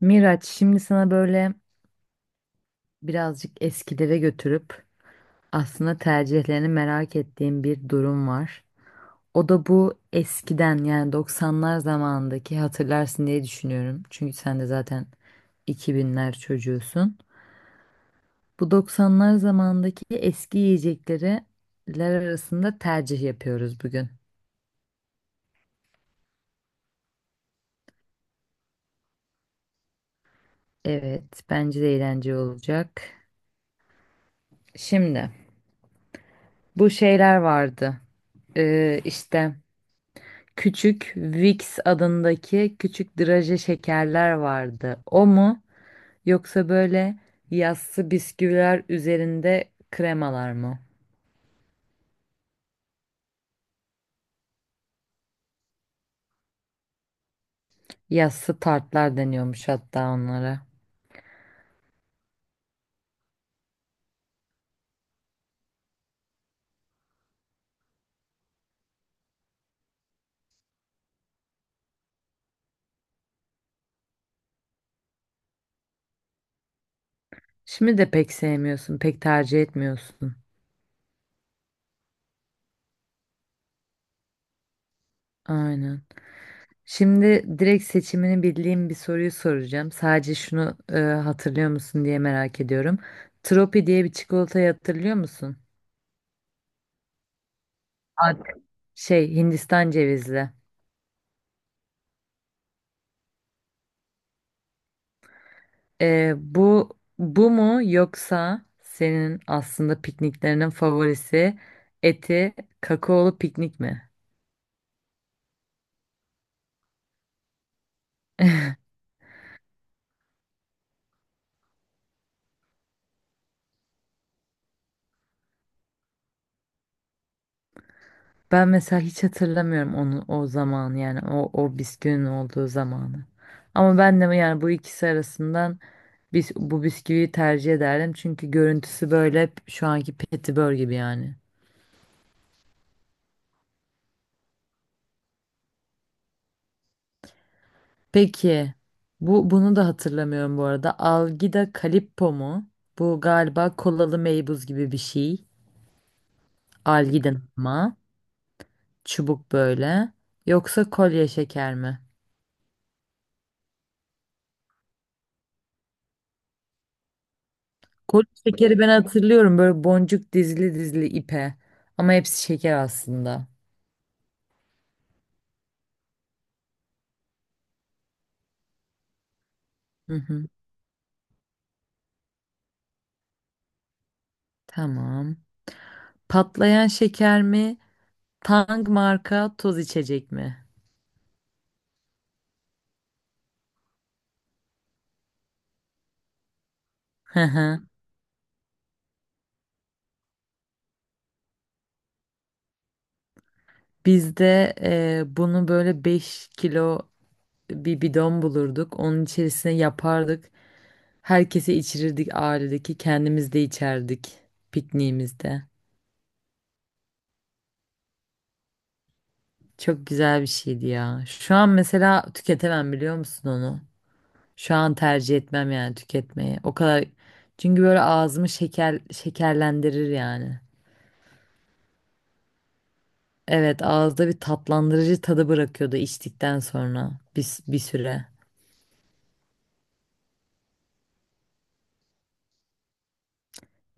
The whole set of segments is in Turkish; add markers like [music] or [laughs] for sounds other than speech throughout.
Miraç, şimdi sana böyle birazcık eskilere götürüp aslında tercihlerini merak ettiğim bir durum var. O da bu eskiden yani 90'lar zamanındaki hatırlarsın diye düşünüyorum. Çünkü sen de zaten 2000'ler çocuğusun. Bu 90'lar zamanındaki eski yiyecekleri ler arasında tercih yapıyoruz bugün. Evet, bence de eğlenceli olacak. Şimdi bu şeyler vardı. İşte Küçük Vicks adındaki küçük draje şekerler vardı. O mu yoksa böyle yassı bisküviler üzerinde kremalar mı? Yassı tartlar deniyormuş hatta onlara. Şimdi de pek sevmiyorsun, pek tercih etmiyorsun. Aynen. Şimdi direkt seçimini bildiğim bir soruyu soracağım. Sadece şunu hatırlıyor musun diye merak ediyorum. Tropi diye bir çikolatayı hatırlıyor musun? Ad- Şey, Hindistan cevizli. Bu bu mu yoksa senin aslında pikniklerinin favorisi eti kakaolu piknik mi? Ben mesela hiç hatırlamıyorum onu o zaman yani o bisküvinin olduğu zamanı. Ama ben de yani bu ikisi arasından biz bu bisküviyi tercih ederdim çünkü görüntüsü böyle şu anki Petibör gibi yani. Peki bunu da hatırlamıyorum bu arada. Algida Calippo mu? Bu galiba kolalı meybuz gibi bir şey. Algida'nın ama. Çubuk böyle. Yoksa kolye şeker mi? Kolye şekeri ben hatırlıyorum, böyle boncuk dizili dizili ipe. Ama hepsi şeker aslında. Hı hı. Tamam. Patlayan şeker mi? Tang marka toz içecek mi? Hı hı. Biz de bunu böyle 5 kilo bir bidon bulurduk. Onun içerisine yapardık. Herkese içirirdik ailedeki. Kendimiz de içerdik pikniğimizde. Çok güzel bir şeydi ya. Şu an mesela tüketemem, biliyor musun onu? Şu an tercih etmem yani tüketmeyi. O kadar, çünkü böyle ağzımı şeker şekerlendirir yani. Evet, ağızda bir tatlandırıcı tadı bırakıyordu içtikten sonra bir süre.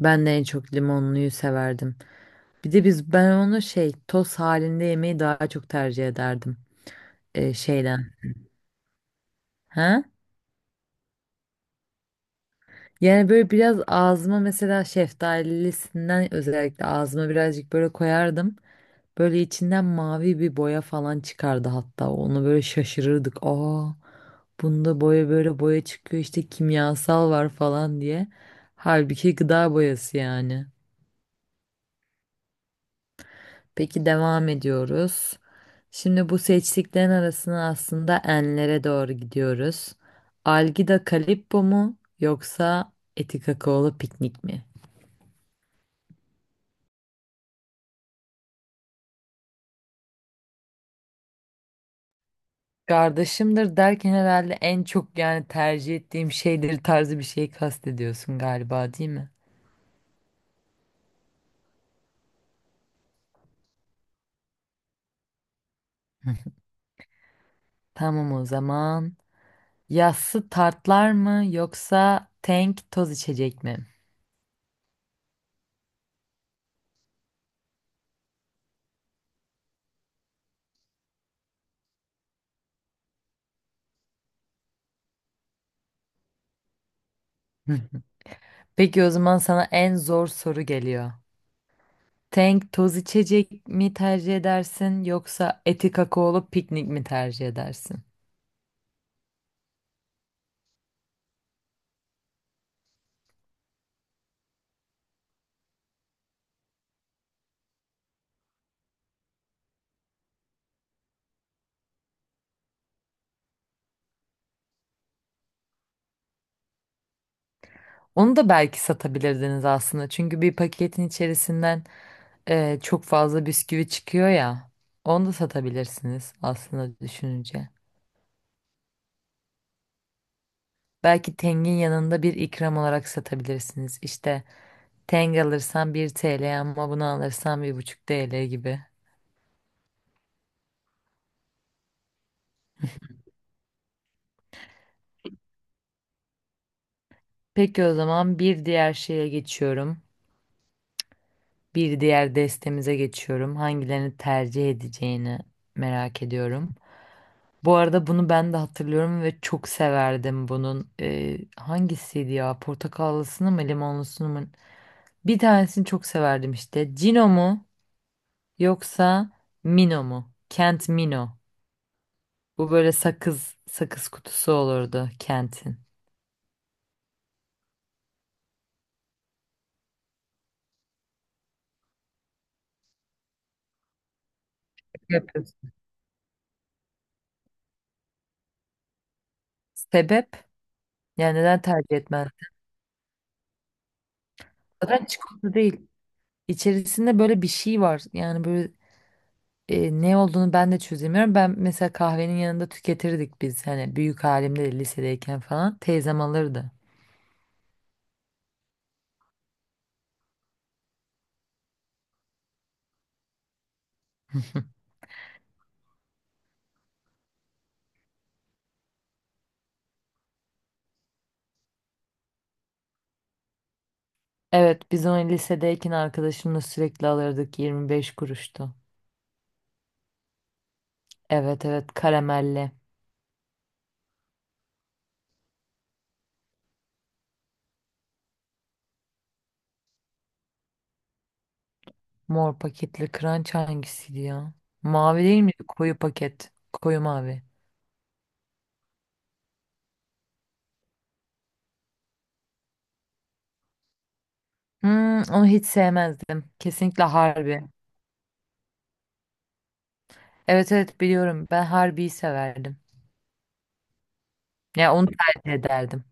Ben de en çok limonluyu severdim. Bir de ben onu şey toz halinde yemeyi daha çok tercih ederdim, şeyden. Ha? Yani böyle biraz ağzıma mesela şeftalisinden özellikle ağzıma birazcık böyle koyardım. Böyle içinden mavi bir boya falan çıkardı hatta. Onu böyle şaşırırdık. Aa, bunda boya, böyle boya çıkıyor işte, kimyasal var falan diye. Halbuki gıda boyası yani. Peki devam ediyoruz. Şimdi bu seçtiklerin arasına aslında enlere doğru gidiyoruz. Algida Calippo mu yoksa Eti Kakaolu Piknik mi? Kardeşimdir derken herhalde en çok yani tercih ettiğim şeydir tarzı bir şey kastediyorsun galiba, değil mi? Tamam o zaman. Yassı tartlar mı yoksa tank toz içecek mi? Hı. Peki o zaman sana en zor soru geliyor. Tank toz içecek mi tercih edersin yoksa eti kakaolu piknik mi tercih edersin? Onu da belki satabilirdiniz aslında. Çünkü bir paketin içerisinden çok fazla bisküvi çıkıyor ya. Onu da satabilirsiniz aslında düşününce. Belki tengin yanında bir ikram olarak satabilirsiniz. İşte Tenge alırsan 1 TL ama bunu alırsan 1,5 TL gibi. Peki o zaman bir diğer şeye geçiyorum. Bir diğer destemize geçiyorum. Hangilerini tercih edeceğini merak ediyorum. Bu arada bunu ben de hatırlıyorum ve çok severdim bunun. Hangisiydi ya? Portakallısını mı, limonlusunu mu? Bir tanesini çok severdim işte. Cino mu yoksa Mino mu? Kent Mino. Bu böyle sakız sakız kutusu olurdu Kent'in. Yapıyorsun. Sebep? Yani neden tercih etmez? Zaten çikolata değil. İçerisinde böyle bir şey var. Yani böyle, ne olduğunu ben de çözemiyorum. Ben mesela kahvenin yanında tüketirdik biz. Hani büyük halimde de lisedeyken falan. Teyzem alırdı. Evet biz onu lisedeyken arkadaşımla sürekli alırdık. 25 kuruştu. Evet evet, karamelli. Mor paketli crunch hangisiydi ya? Mavi değil mi? Koyu paket. Koyu mavi. Hmm, onu hiç sevmezdim. Kesinlikle harbi. Evet evet biliyorum. Ben harbiyi severdim. Ya onu tercih ederdim.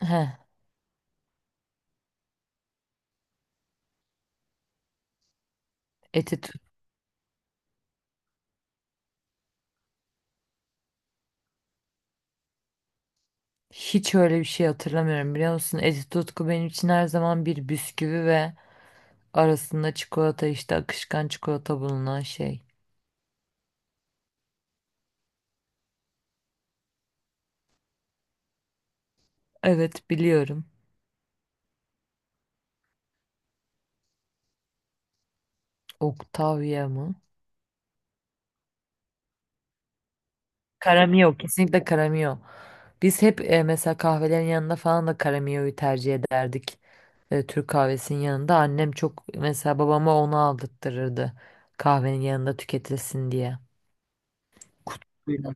Heh, Etitut. Hiç öyle bir şey hatırlamıyorum biliyor musun? Eti tutku benim için her zaman bir bisküvi ve arasında çikolata, işte akışkan çikolata bulunan şey. Evet biliyorum. Octavia mı? Karamio, kesinlikle karamio. Biz hep, mesela kahvelerin yanında falan da karamioyu tercih ederdik. Türk kahvesinin yanında annem çok mesela babama onu aldırtırırdı. Kahvenin yanında tüketilsin diye. Kutusuyla.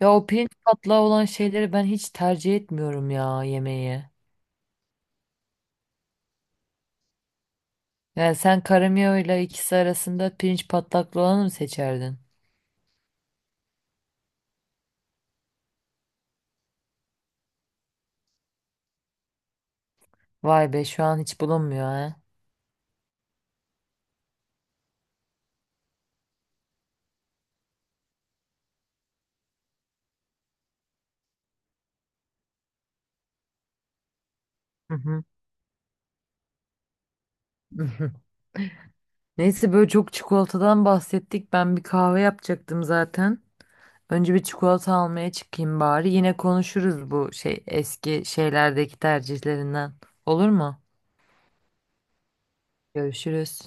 Ya o pirinç patlağı olan şeyleri ben hiç tercih etmiyorum ya yemeği. Yani sen karamiyo ile ikisi arasında pirinç patlaklı olanı mı seçerdin? Vay be, şu an hiç bulunmuyor ha. Hı hı. [laughs] Neyse, böyle çok çikolatadan bahsettik. Ben bir kahve yapacaktım zaten. Önce bir çikolata almaya çıkayım bari. Yine konuşuruz bu şey eski şeylerdeki tercihlerinden. Olur mu? Görüşürüz.